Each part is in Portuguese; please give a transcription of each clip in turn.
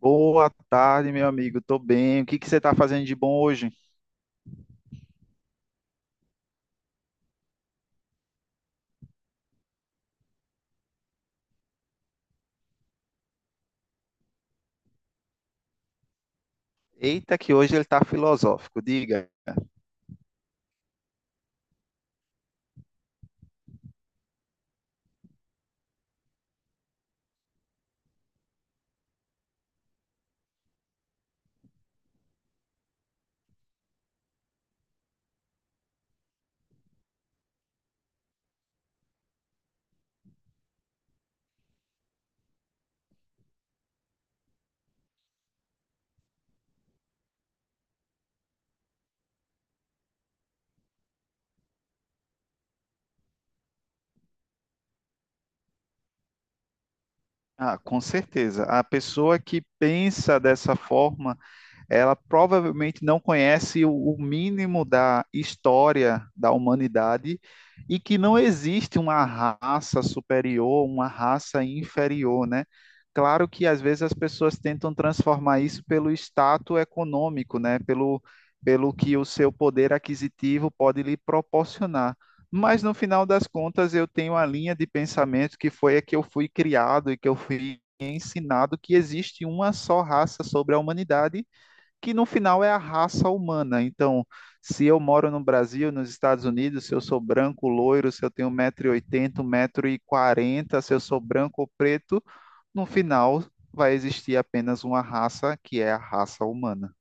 Boa tarde, meu amigo. Tô bem. O que que você tá fazendo de bom hoje? Eita, que hoje ele tá filosófico. Diga. Ah, com certeza. A pessoa que pensa dessa forma ela provavelmente não conhece o mínimo da história da humanidade e que não existe uma raça superior, uma raça inferior, né? Claro que às vezes as pessoas tentam transformar isso pelo status econômico, né? Pelo que o seu poder aquisitivo pode lhe proporcionar. Mas no final das contas, eu tenho a linha de pensamento que foi a que eu fui criado e que eu fui ensinado que existe uma só raça sobre a humanidade que no final é a raça humana. Então, se eu moro no Brasil, nos Estados Unidos, se eu sou branco, loiro, se eu tenho um 180 metro e 40, se eu sou branco ou preto, no final vai existir apenas uma raça, que é a raça humana.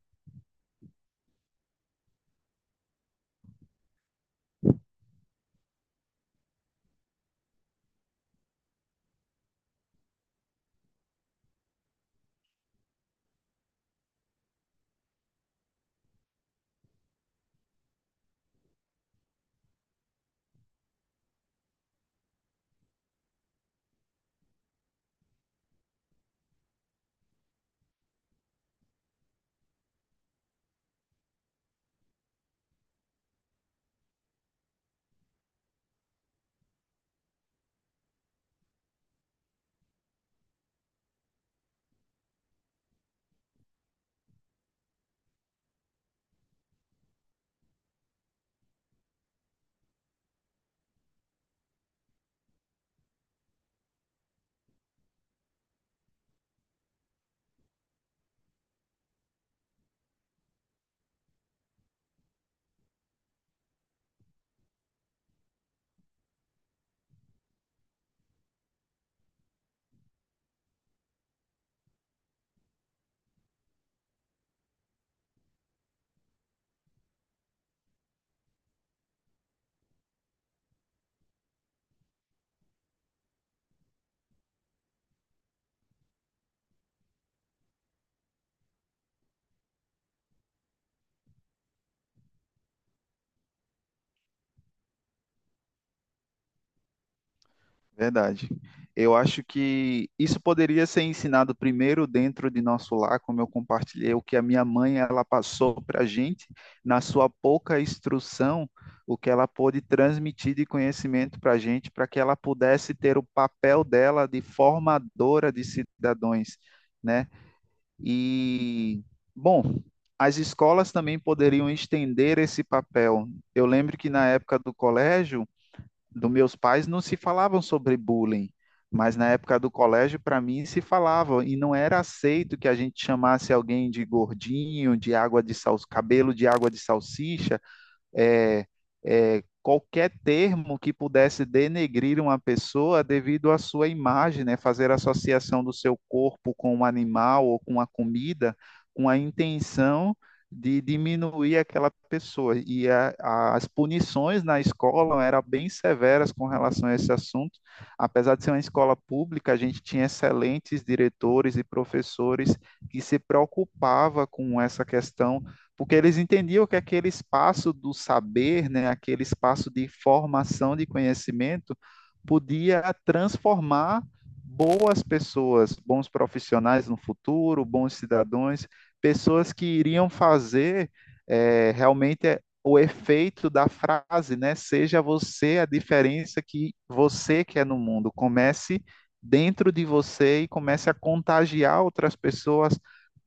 Verdade. Eu acho que isso poderia ser ensinado primeiro dentro de nosso lar, como eu compartilhei, o que a minha mãe ela passou para a gente, na sua pouca instrução, o que ela pôde transmitir de conhecimento para a gente, para que ela pudesse ter o papel dela de formadora de cidadãos, né? E, bom, as escolas também poderiam estender esse papel. Eu lembro que na época do colégio, dos meus pais não se falavam sobre bullying, mas na época do colégio, para mim, se falava, e não era aceito que a gente chamasse alguém de gordinho, de água de sal, cabelo de água de salsicha, é, qualquer termo que pudesse denegrir uma pessoa devido à sua imagem, né? Fazer associação do seu corpo com um animal ou com uma comida, com a intenção de diminuir aquela pessoa. E as punições na escola eram bem severas com relação a esse assunto. Apesar de ser uma escola pública, a gente tinha excelentes diretores e professores que se preocupava com essa questão porque eles entendiam que aquele espaço do saber, né, aquele espaço de formação de conhecimento, podia transformar boas pessoas, bons profissionais no futuro, bons cidadãos, pessoas que iriam fazer realmente o efeito da frase, né? Seja você a diferença que você quer no mundo. Comece dentro de você e comece a contagiar outras pessoas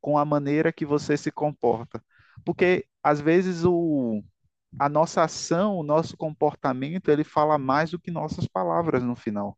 com a maneira que você se comporta. Porque às vezes a nossa ação, o nosso comportamento, ele fala mais do que nossas palavras no final.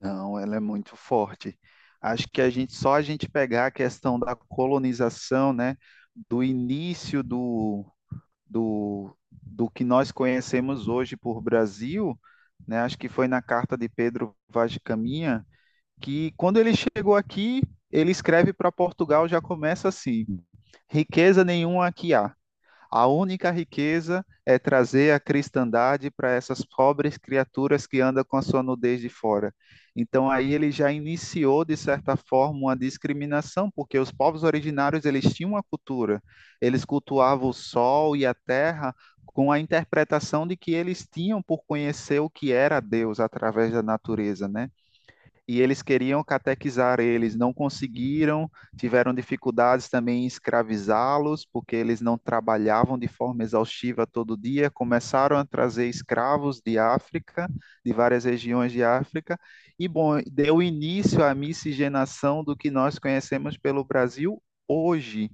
Não, ela é muito forte. Acho que a gente só a gente pegar a questão da colonização, né, do início do que nós conhecemos hoje por Brasil, né, acho que foi na carta de Pedro Vaz de Caminha, que quando ele chegou aqui, ele escreve para Portugal, já começa assim: riqueza nenhuma aqui há. A única riqueza é trazer a cristandade para essas pobres criaturas que andam com a sua nudez de fora. Então aí ele já iniciou de certa forma uma discriminação, porque os povos originários eles tinham uma cultura, eles cultuavam o sol e a terra com a interpretação de que eles tinham por conhecer o que era Deus através da natureza, né? E eles queriam catequizar eles, não conseguiram, tiveram dificuldades também em escravizá-los, porque eles não trabalhavam de forma exaustiva todo dia, começaram a trazer escravos de África, de várias regiões de África, e bom, deu início à miscigenação do que nós conhecemos pelo Brasil hoje.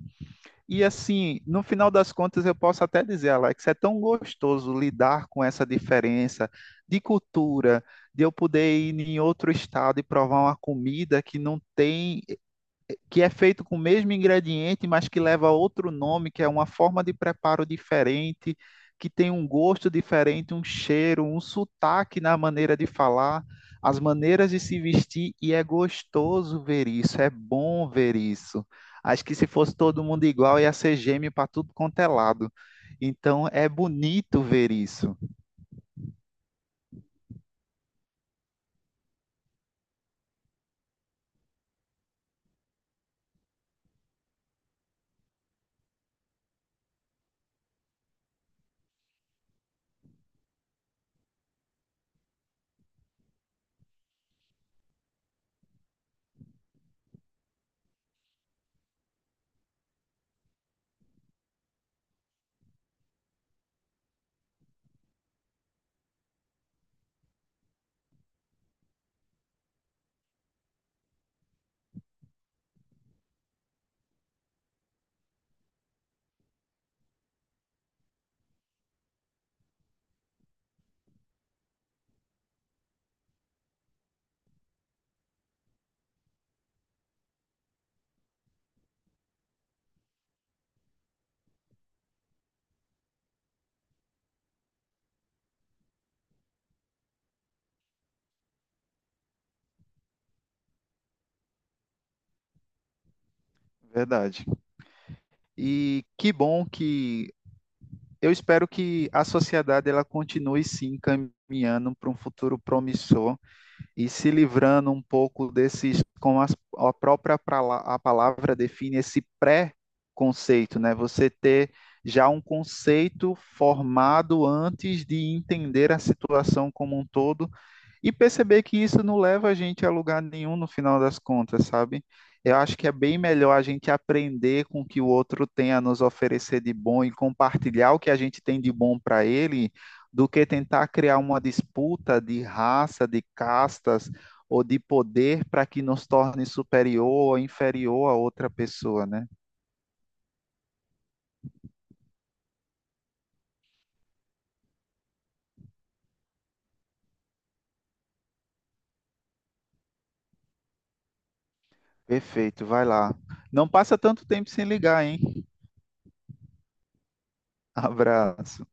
E assim, no final das contas, eu posso até dizer, Alex, é tão gostoso lidar com essa diferença de cultura, de eu poder ir em outro estado e provar uma comida que não tem, que é feito com o mesmo ingrediente, mas que leva outro nome, que é uma forma de preparo diferente, que tem um gosto diferente, um cheiro, um sotaque na maneira de falar, as maneiras de se vestir, e é gostoso ver isso, é bom ver isso. Acho que se fosse todo mundo igual, ia ser gêmeo para tudo quanto é lado. Então é bonito ver isso. Verdade. E que bom que eu espero que a sociedade ela continue se encaminhando para um futuro promissor e se livrando um pouco desses, a própria a palavra define, esse pré-conceito, né? Você ter já um conceito formado antes de entender a situação como um todo e perceber que isso não leva a gente a lugar nenhum no final das contas, sabe? Eu acho que é bem melhor a gente aprender com o que o outro tem a nos oferecer de bom e compartilhar o que a gente tem de bom para ele, do que tentar criar uma disputa de raça, de castas ou de poder para que nos torne superior ou inferior a outra pessoa, né? Perfeito, vai lá. Não passa tanto tempo sem ligar, hein? Abraço.